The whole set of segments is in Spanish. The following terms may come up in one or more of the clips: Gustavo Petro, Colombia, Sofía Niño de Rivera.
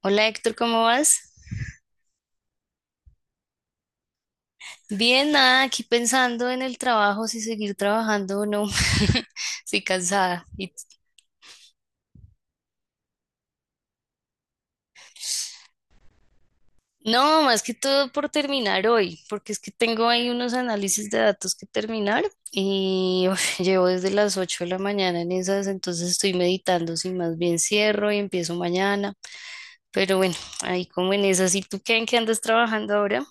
Hola Héctor, ¿cómo vas? Bien, nada, aquí pensando en el trabajo, si seguir trabajando o no. Estoy cansada. No, más que todo por terminar hoy, porque es que tengo ahí unos análisis de datos que terminar y uf, llevo desde las 8 de la mañana en esas, entonces estoy meditando si más bien cierro y empiezo mañana. Pero bueno, ahí como en esas. ¿Y tú qué, en qué andas trabajando ahora?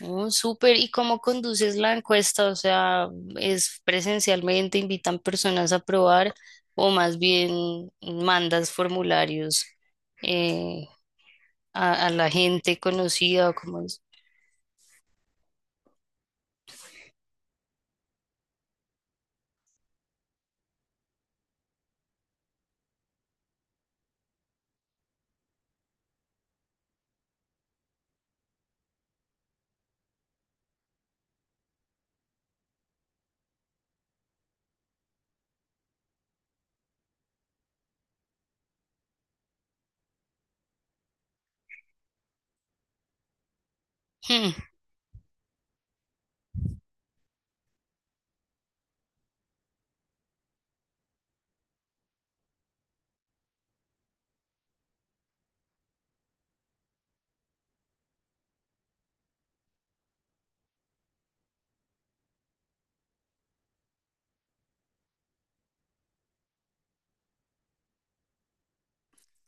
Oh, súper. ¿Y cómo conduces la encuesta? O sea, ¿es presencialmente, invitan personas a probar o más bien mandas formularios eh, a la gente conocida o cómo es? Hmm.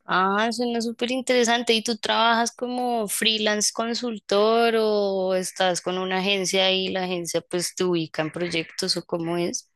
Ah, suena súper interesante. ¿Y tú trabajas como freelance consultor o estás con una agencia y la agencia pues te ubica en proyectos o cómo es?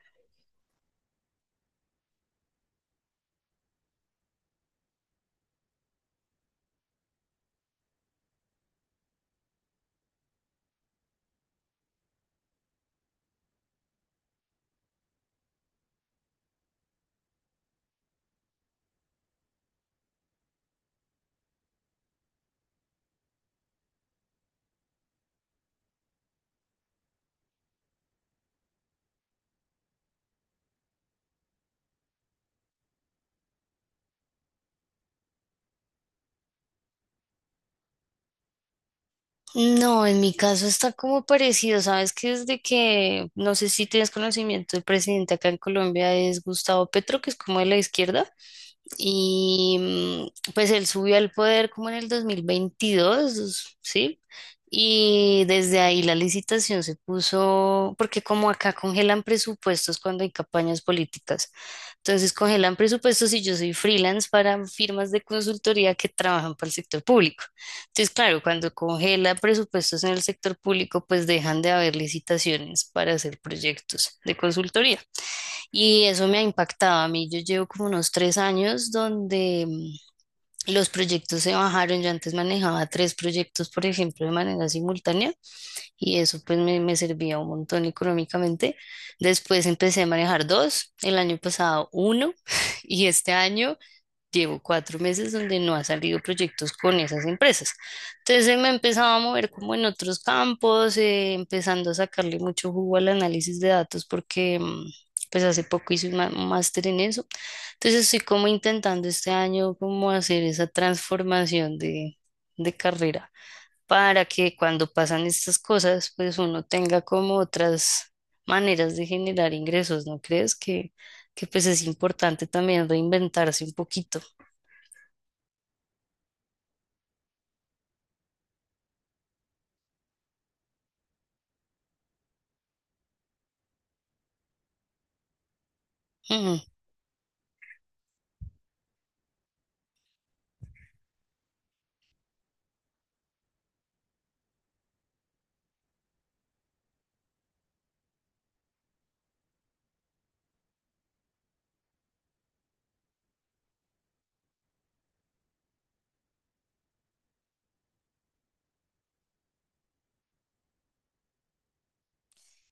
No, en mi caso está como parecido, sabes que desde que, no sé si tienes conocimiento, el presidente acá en Colombia es Gustavo Petro, que es como de la izquierda. Y pues él subió al poder como en el dos mil veintidós, ¿sí? Y desde ahí la licitación se puso, porque como acá congelan presupuestos cuando hay campañas políticas, entonces congelan presupuestos y yo soy freelance para firmas de consultoría que trabajan para el sector público. Entonces, claro, cuando congela presupuestos en el sector público, pues dejan de haber licitaciones para hacer proyectos de consultoría. Y eso me ha impactado a mí. Yo llevo como unos tres años donde los proyectos se bajaron. Yo antes manejaba tres proyectos, por ejemplo, de manera simultánea y eso pues me servía un montón económicamente. Después empecé a manejar dos, el año pasado uno y este año llevo cuatro meses donde no ha salido proyectos con esas empresas. Entonces me he empezado a mover como en otros campos, empezando a sacarle mucho jugo al análisis de datos porque pues hace poco hice un un máster en eso. Entonces estoy como intentando este año como hacer esa transformación de carrera para que cuando pasan estas cosas pues uno tenga como otras maneras de generar ingresos, ¿no crees? Que pues es importante también reinventarse un poquito. Mm.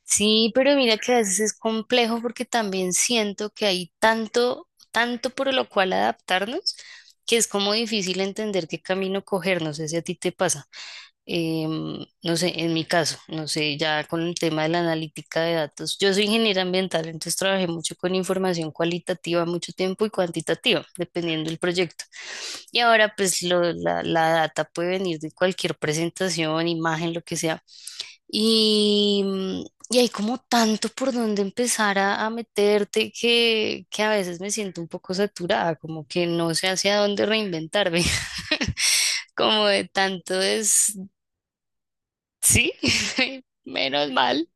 Sí, pero mira que a veces es complejo porque también siento que hay tanto, tanto por lo cual adaptarnos, que es como difícil entender qué camino coger. No sé si a ti te pasa. No sé, en mi caso, no sé, ya con el tema de la analítica de datos. Yo soy ingeniera ambiental, entonces trabajé mucho con información cualitativa mucho tiempo y cuantitativa, dependiendo del proyecto. Y ahora pues la data puede venir de cualquier presentación, imagen, lo que sea. Y, y hay como tanto por donde empezar a meterte que a veces me siento un poco saturada, como que no sé hacia dónde reinventarme, como de tanto es, sí, menos mal.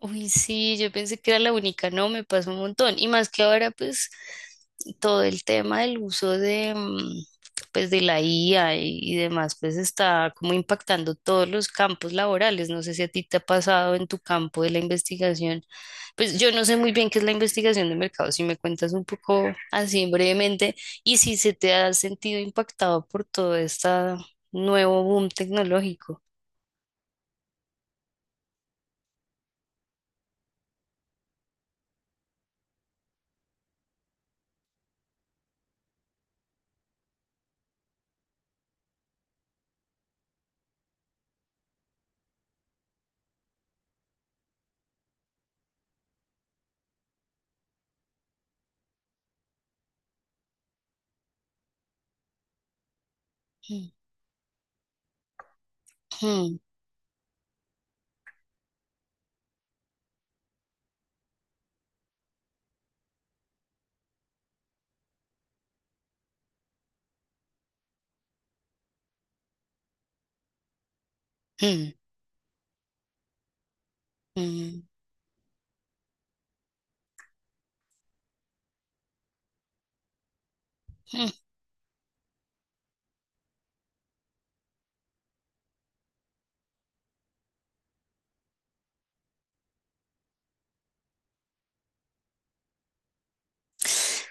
Uy, sí, yo pensé que era la única, no, me pasó un montón. Y más que ahora, pues, todo el tema del uso de, pues, de la IA y demás, pues está como impactando todos los campos laborales. No sé si a ti te ha pasado en tu campo de la investigación. Pues yo no sé muy bien qué es la investigación de mercado, si me cuentas un poco así brevemente y si se te ha sentido impactado por todo este nuevo boom tecnológico. Mm, mm, mm, mm, mm.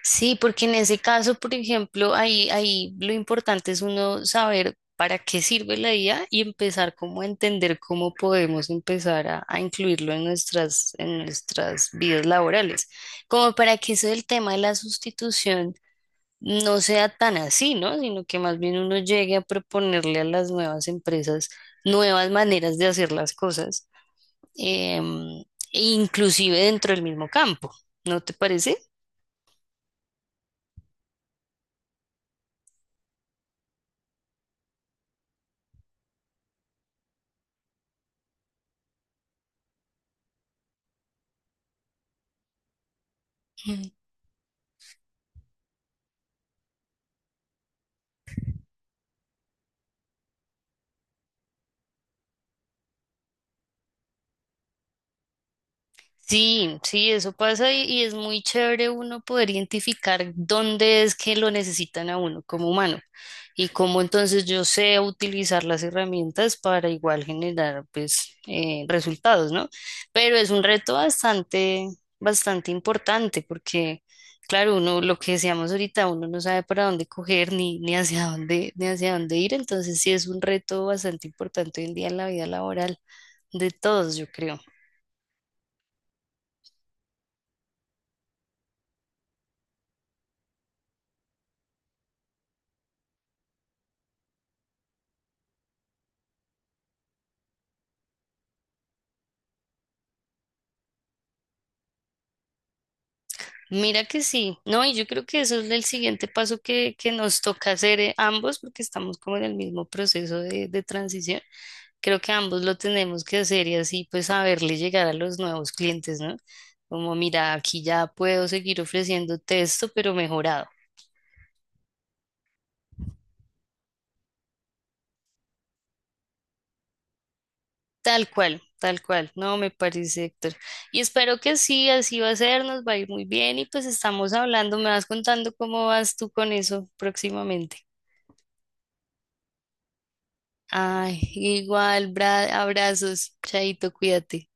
Sí, porque en ese caso, por ejemplo, ahí lo importante es uno saber para qué sirve la IA y empezar como a entender cómo podemos empezar a incluirlo en nuestras vidas laborales, como para que eso del tema de la sustitución no sea tan así, ¿no? Sino que más bien uno llegue a proponerle a las nuevas empresas nuevas maneras de hacer las cosas, em, e inclusive dentro del mismo campo, ¿no te parece? Sí, sí, eso pasa y es muy chévere uno poder identificar dónde es que lo necesitan a uno como humano y cómo entonces yo sé utilizar las herramientas para igual generar pues resultados, ¿no? Pero es un reto bastante, bastante importante porque, claro, uno, lo que decíamos ahorita, uno no sabe para dónde coger ni hacia dónde, ni hacia dónde ir, entonces sí es un reto bastante importante hoy en día en la vida laboral de todos, yo creo. Mira que sí, no, y yo creo que eso es el siguiente paso que nos toca hacer ambos, porque estamos como en el mismo proceso de transición. Creo que ambos lo tenemos que hacer y así pues saberle llegar a los nuevos clientes, ¿no? Como, mira, aquí ya puedo seguir ofreciendo texto, pero mejorado. Tal cual, tal cual. No, me parece, Héctor. Y espero que sí, así va a ser, nos va a ir muy bien y pues estamos hablando, me vas contando cómo vas tú con eso próximamente. Ay, igual, abrazos, Chaito, cuídate.